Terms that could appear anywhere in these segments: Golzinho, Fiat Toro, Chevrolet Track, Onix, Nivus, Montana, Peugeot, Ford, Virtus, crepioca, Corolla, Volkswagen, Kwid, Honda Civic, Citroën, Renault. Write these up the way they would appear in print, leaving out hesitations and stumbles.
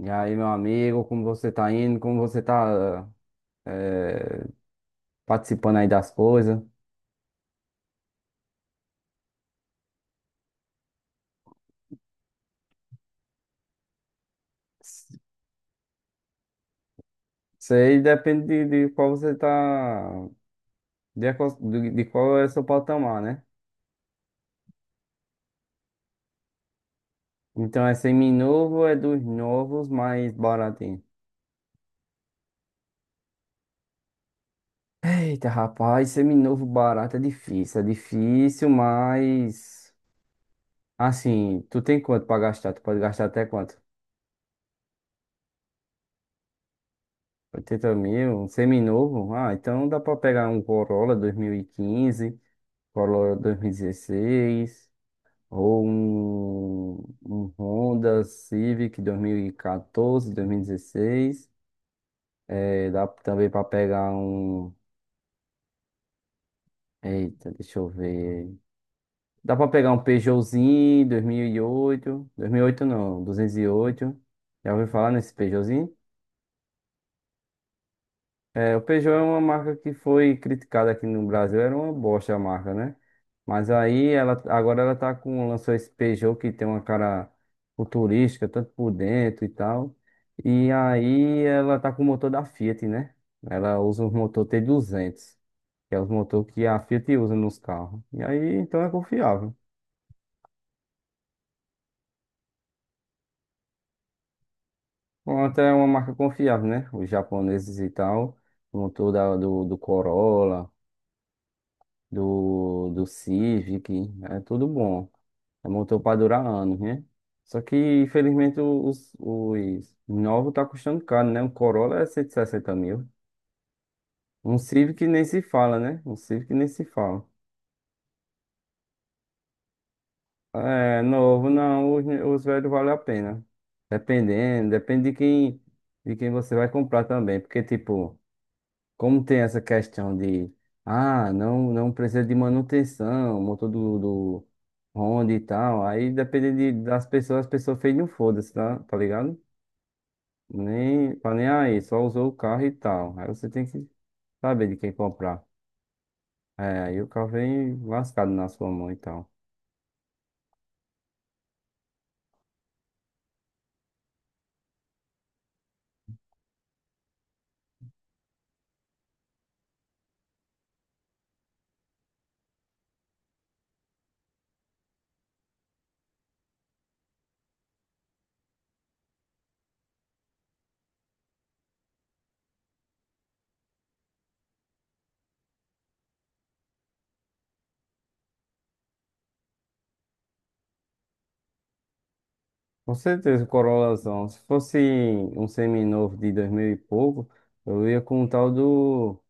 E aí, meu amigo, como você tá indo? Como você tá eh, participando aí das coisas? Isso aí depende de qual você tá, de qual é o seu patamar, né? Então é seminovo, é dos novos, mas baratinho. Eita, rapaz, seminovo barato é difícil, mas assim, tu tem quanto pra gastar? Tu pode gastar até quanto? 80 mil, um seminovo? Ah, então dá pra pegar um Corolla 2015 Corolla 2016, ou um Honda Civic 2014, 2016. É, dá também para pegar um. Eita, deixa eu ver. Dá para pegar um Peugeotzinho 2008. 2008 não, 208. Já ouviu falar nesse Peugeotzinho? É, o Peugeot é uma marca que foi criticada aqui no Brasil, era uma bosta a marca, né? Mas aí ela agora ela tá com lançou esse Peugeot que tem uma cara futurística, tanto por dentro e tal. E aí ela tá com o motor da Fiat, né? Ela usa o motor T200, que é o motor que a Fiat usa nos carros. E aí então é confiável. Honda é uma marca confiável, né? Os japoneses e tal, o motor do Corolla, do Civic, é tudo bom. Montou para durar anos, né? Só que, infelizmente, os novos tá custando caro, né? Um Corolla é 160 mil. Um Civic nem se fala, né? Um Civic nem se fala. É, novo, não, os velhos vale a pena. Dependendo, depende de quem você vai comprar também. Porque, tipo, como tem essa questão de, não, não precisa de manutenção, motor do Honda e tal. Aí, depende das pessoas, as pessoas fez um foda-se, tá? Tá ligado? Nem, tá nem aí, só usou o carro e tal. Aí você tem que saber de quem comprar. É, aí o carro vem lascado na sua mão e tal. Com certeza, o Corolazão. Se fosse um seminovo de 2000 e pouco, eu ia com o tal do,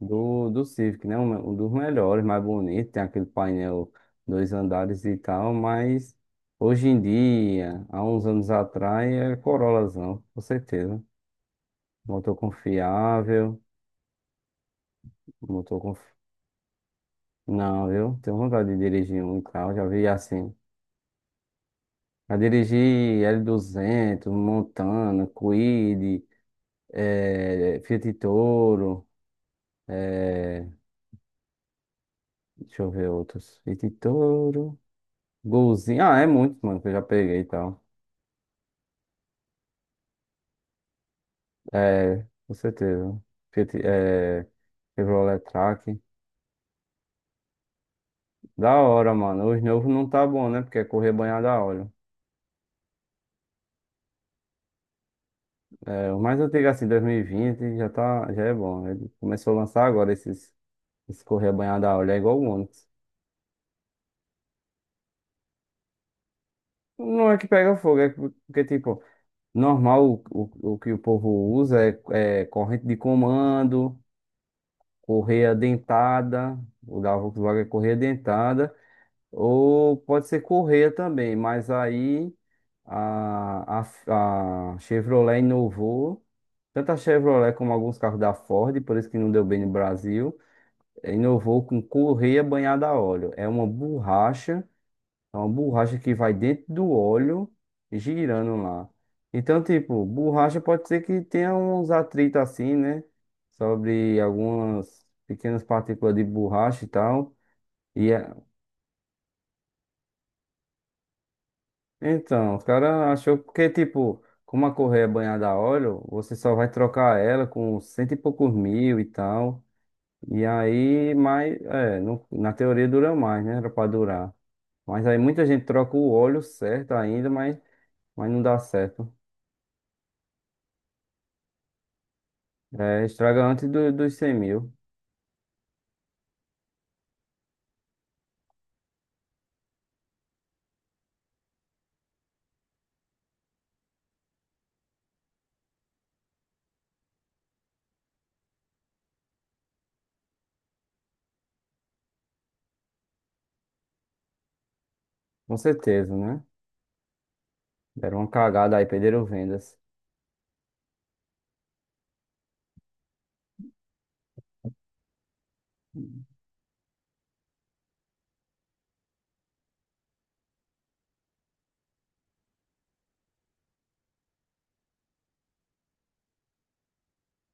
do, do Civic, né? Um dos melhores, mais bonito. Tem aquele painel dois andares e tal, mas hoje em dia, há uns anos atrás, é Corolazão, com certeza. Motor confiável, motor confiável. Não, eu tenho vontade de dirigir um carro, já vi assim. Já dirigi L200 Montana, Kwid, Fiat Toro, eh, deixa eu ver outros. Fiat Toro, Golzinho, é muito, mano, que eu já peguei e tal. É, com certeza. Fiat, Chevrolet Track. Da hora, mano. Os novos não tá bom, né? Porque é correr banhado a óleo. É, o mais antigo, assim, 2020, já é bom. Ele começou a lançar agora esses. Escorrer a banhada a óleo é igual o Onix. Não é que pega fogo, porque, tipo, normal o que o povo usa é corrente de comando, correia dentada, o da Volkswagen é correia dentada, ou pode ser correia também, mas aí a, a Chevrolet inovou, tanto a Chevrolet como alguns carros da Ford, por isso que não deu bem no Brasil, inovou com correia banhada a óleo. É uma borracha. É uma borracha que vai dentro do óleo e girando lá. Então, tipo, borracha pode ser que tenha uns atritos assim, né? Sobre algumas pequenas partículas de borracha e tal. E é- então, os caras achou porque, tipo, como a correia é banhada a óleo, você só vai trocar ela com cento e poucos mil e tal. E aí, mas, na teoria dura mais, né? Era pra durar. Mas aí muita gente troca o óleo certo ainda, mas não dá certo. É, estraga antes dos 100 mil, com certeza, né? Deram uma cagada aí, perderam vendas.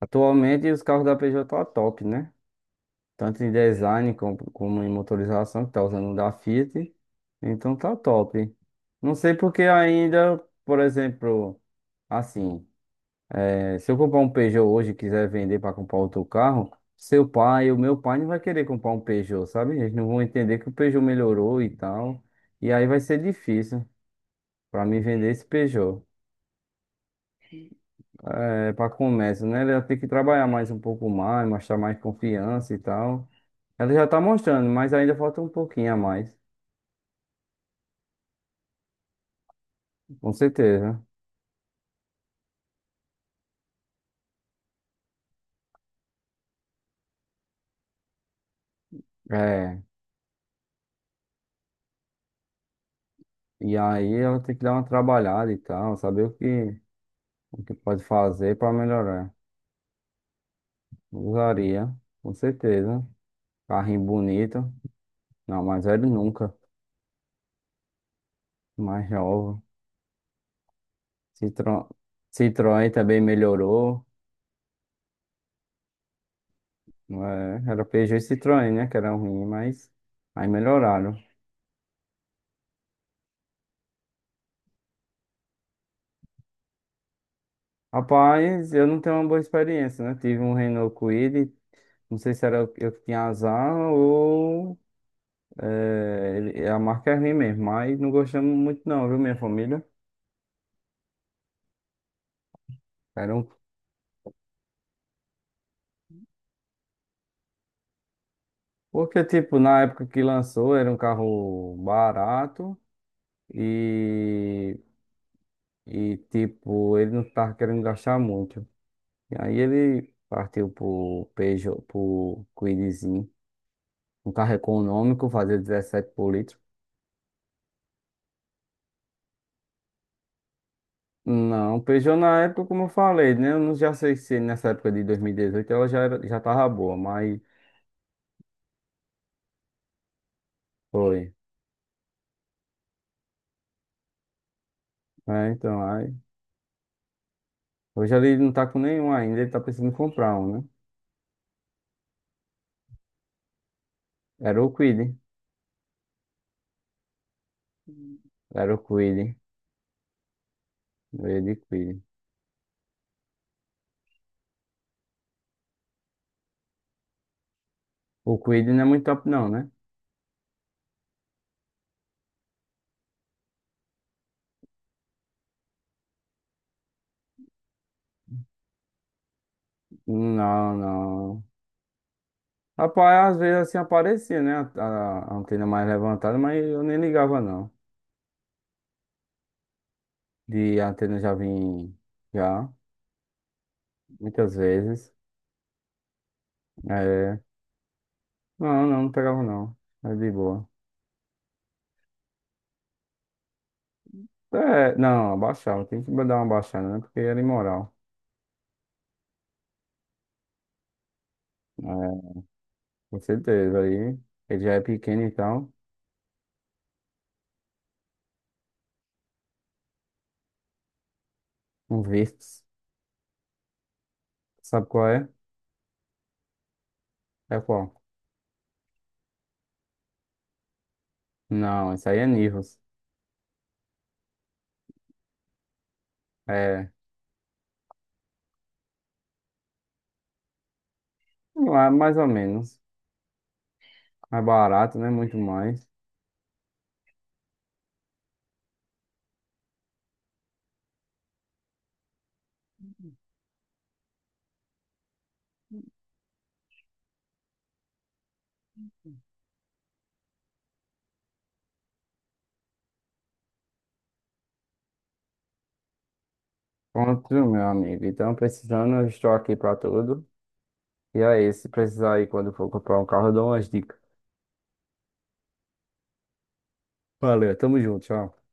Atualmente os carros da Peugeot tá top, né? Tanto em design como em motorização, que tá usando o da Fiat. Então tá top. Não sei porque ainda, por exemplo, assim, se eu comprar um Peugeot hoje e quiser vender para comprar outro carro, o meu pai não vai querer comprar um Peugeot, sabe? Eles não vão entender que o Peugeot melhorou e tal. E aí vai ser difícil para mim vender esse Peugeot. É, para começo, né? Ela tem que trabalhar mais um pouco mais, mostrar mais confiança e tal. Ela já tá mostrando, mas ainda falta um pouquinho a mais, com certeza. É. E aí ela tem que dar uma trabalhada e tal, saber o que pode fazer para melhorar. Usaria, com certeza. Carrinho bonito. Não, mais velho nunca. Mais jovem. Citro... Citroën também melhorou. É, era Peugeot e Citroën, né? Que era ruim, mas aí melhoraram. Rapaz, eu não tenho uma boa experiência, né? Tive um Renault Kwid, não sei se era eu que tinha azar ou a marca é ruim mesmo, mas não gostamos muito não, viu, minha família? Era um... Porque, tipo, na época que lançou, era um carro barato e, e tipo, ele não tava querendo gastar muito. E aí ele partiu pro Kwidzinho, um carro econômico, fazia 17 por litro. Não, Peugeot na época, como eu falei, né? Eu não já sei se nessa época de 2018 ela já tava boa, mas foi. É, então, aí. Hoje ele não tá com nenhum ainda, ele tá precisando comprar um, né? Era o Kwid, era o Kwid, ele Kwid. O Kwid não é muito top, não, né? Não, não. Rapaz, às vezes assim aparecia, né? A antena mais levantada, mas eu nem ligava, não. De antena já vim, já, muitas vezes. É, não, não, não pegava, não. É de boa. É, não, abaixava, tem que dar uma baixada, né? Porque era imoral. É, com certeza. Aí ele já é pequeno, então. Um Virtus. Sabe qual é? É qual? Não, isso aí é Nivus. É, lá, mais ou menos. É barato, né? Muito mais. Pronto, meu amigo. Então, precisando, eu estou aqui pra tudo. E aí, se precisar aí, quando for comprar um carro, eu dou umas dicas. Valeu, tamo junto, tchau.